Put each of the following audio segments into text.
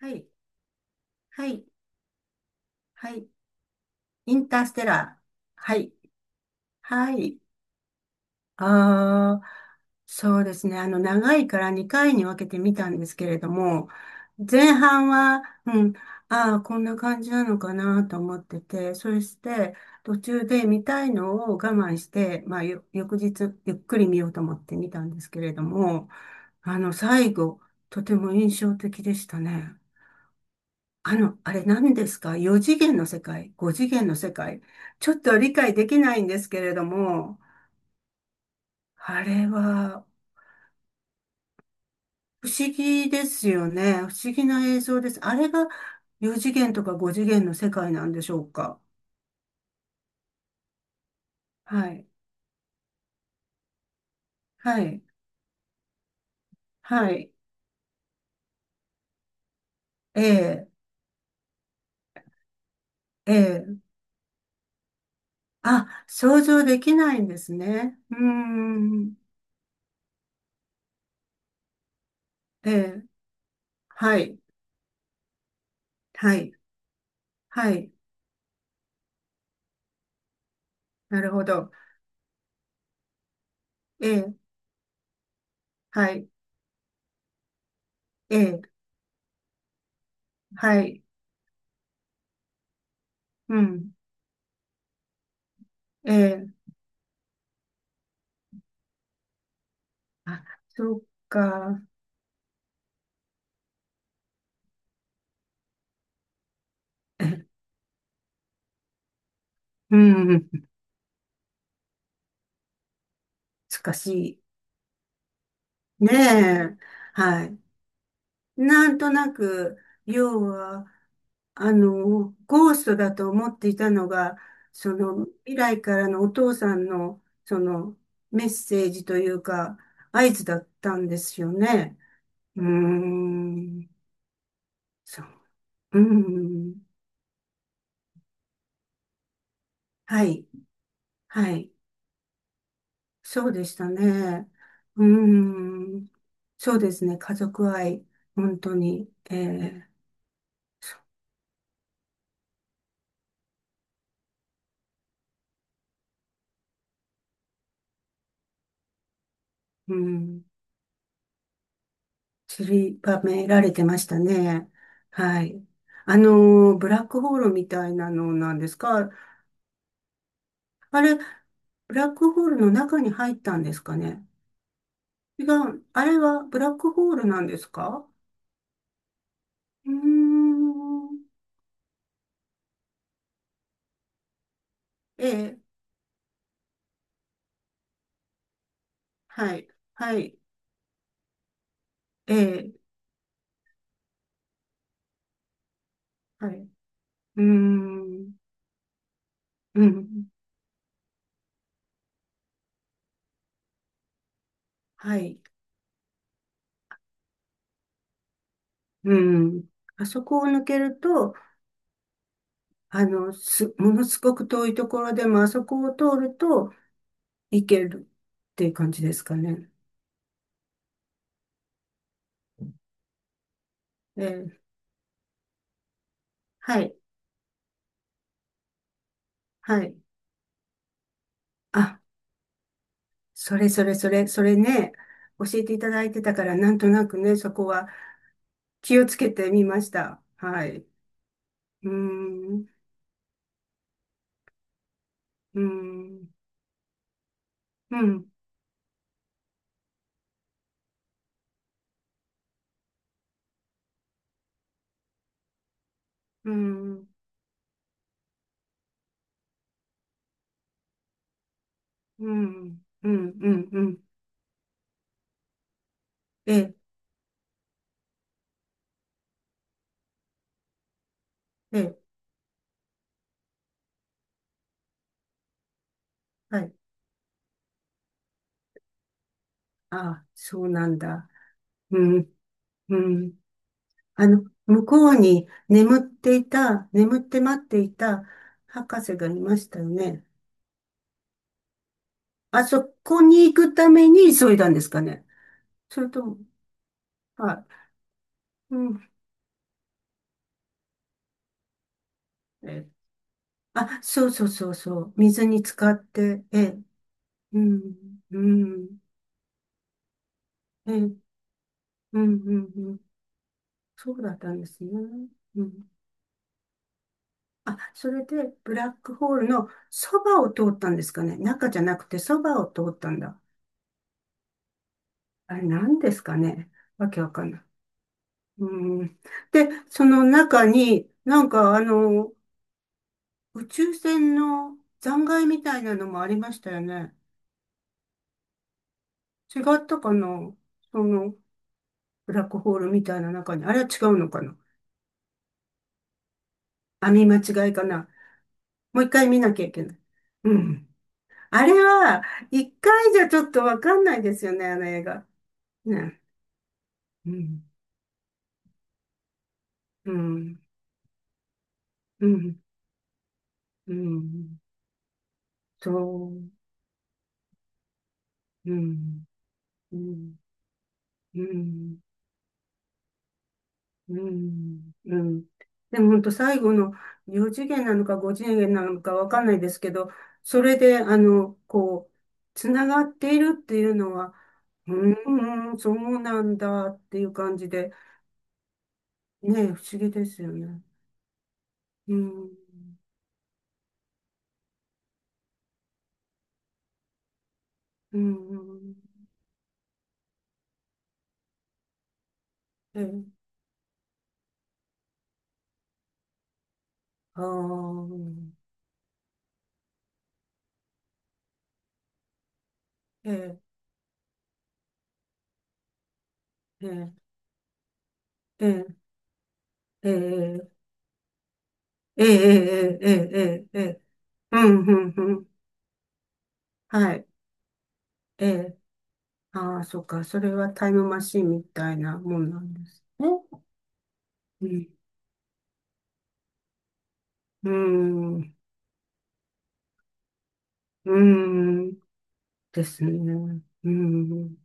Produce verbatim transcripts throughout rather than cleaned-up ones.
はい。はい。はい。インターステラー。はい。はい。ああ、そうですね。あの、長いからにかいに分けてみたんですけれども、前半は、うん、ああ、こんな感じなのかなと思ってて、そして、途中で見たいのを我慢して、まあ、よ翌日、ゆっくり見ようと思って見たんですけれども、あの、最後、とても印象的でしたね。あの、あれ何ですか？ よん 次元の世界？ ご 次元の世界、ちょっと理解できないんですけれども、あれは不思議ですよね。不思議な映像です。あれがよん次元とかご次元の世界なんでしょうか？はい。はい。はい。ええ。ええ。あ、想像できないんですね。うーん。ええ。はい。はい。はい。なるほど。ええ。はい。ええ。はい。うん。ええ。あ、そうか。え、うん、難しい。ねえ。はい。なんとなく、要は、あの、ゴーストだと思っていたのが、その、未来からのお父さんの、その、メッセージというか、合図だったんですよね。うーん、そう。うん、はい、はい。そうでしたね。うーん。そうですね。家族愛、本当に、ええ、うん、散りばめられてましたね。はい。あのー、ブラックホールみたいなのなんですか？あれ、ブラックホールの中に入ったんですかね？違う。あれはブラックホールなんですか？うーん。ええ、はい。はい。ええ、はい。うーん。うん。はい。うん。あそこを抜けると、あの、す、ものすごく遠いところでも、あそこを通ると行けるっていう感じですかね。えー、はい、はい。あ、それそれそれ、それね、教えていただいてたから、なんとなくね、そこは気をつけてみました。はい。うーん、うーん、うん、うん、うん、うん、うん、うん。ええ、はい。あ、そうなんだ。うん、うん。あの、向こうに眠っていた、眠って待っていた博士がいましたよね。あそこに行くために急いだんですかね。それとも、はい。うん。え、あ、そうそうそうそう。水に浸かって、ええ、うん、うん、ええ、うん、うん、うん。そうだったんですね。うん。あ、それで、ブラックホールのそばを通ったんですかね。中じゃなくてそばを通ったんだ。あれ、何ですかね。わけわかんない。うん、で、その中に、なんかあの、宇宙船の残骸みたいなのもありましたよね。違ったかな、その、ブラックホールみたいな中に。あれは違うのかな？網間違いかな？もう一回見なきゃいけない。うん。あれは、一回じゃちょっとわかんないですよね、あの映画。ね。うん。うん。うん。うん。そう。うん。うん。うん。うん、うん。でも本当最後のよん次元なのかご次元なのかわかんないですけど、それで、あの、こう、つながっているっていうのは、うーん、そうなんだっていう感じで、ねえ、不思議ですよね。うん、うん、ええ、ああ、ええ、ええ、ええ、ええ、ええ、ええ、ええ、ええ、うん、うん、うん、はい、ええ。ああ、そっか。それはタイムマシンみたいなもんなんですね。うん。うん。うん。ですね。うん。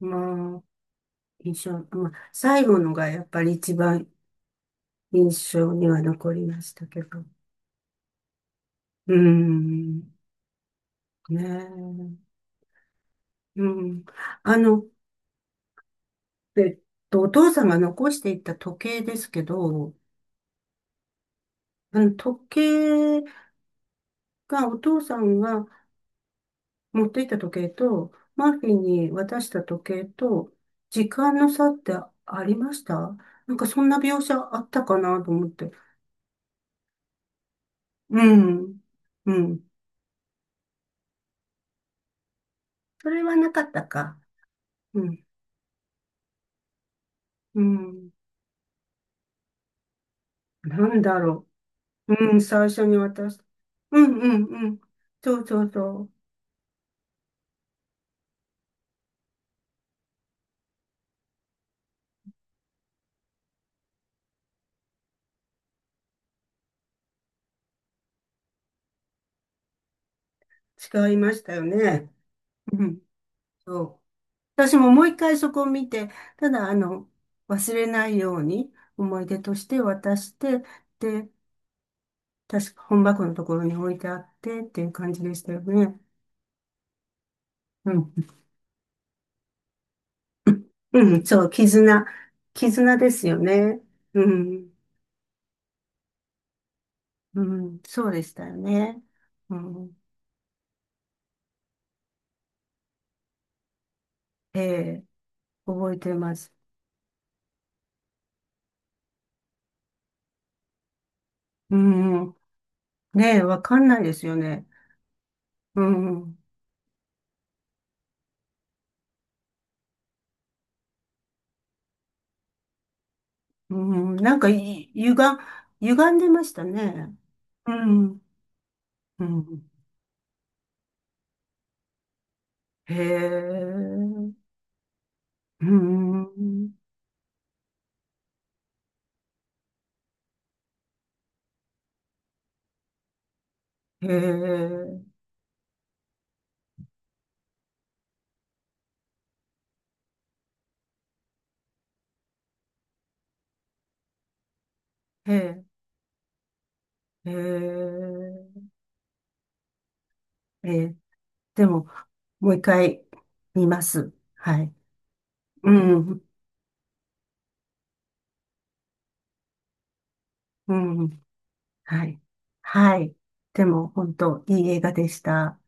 まあ、印象、まあ、最後のがやっぱり一番印象には残りましたけど。うん。ねえ。うん。あの、えっと、お父さんが残していった時計ですけど、あの、時計がお父さんが持っていった時計と、マーフィーに渡した時計と、時間の差ってありました？なんかそんな描写あったかなと思って。うん。うん。それはなかったか。うん。うん。なんだろう。うん。最初に渡した。うんうんうん。そうそうそう。違いましたよね。うん。そう。私ももう一回そこを見て、ただあの、忘れないように思い出として渡して、で、確か本箱のところに置いてあってっていう感じでしたよね。うん。うん、そう、絆。絆ですよね。うん。うん、そうでしたよね。うん。ええ、覚えてます。うん。ねえ、わかんないですよね。うん。うん、なんかい、歪、歪んでましたね。うん。うん。へえ。うん。へえ。へえ。へえ。へえ、でも、もう一回見ます。はい。うん、うん、はい。はい。でも、本当いい映画でした。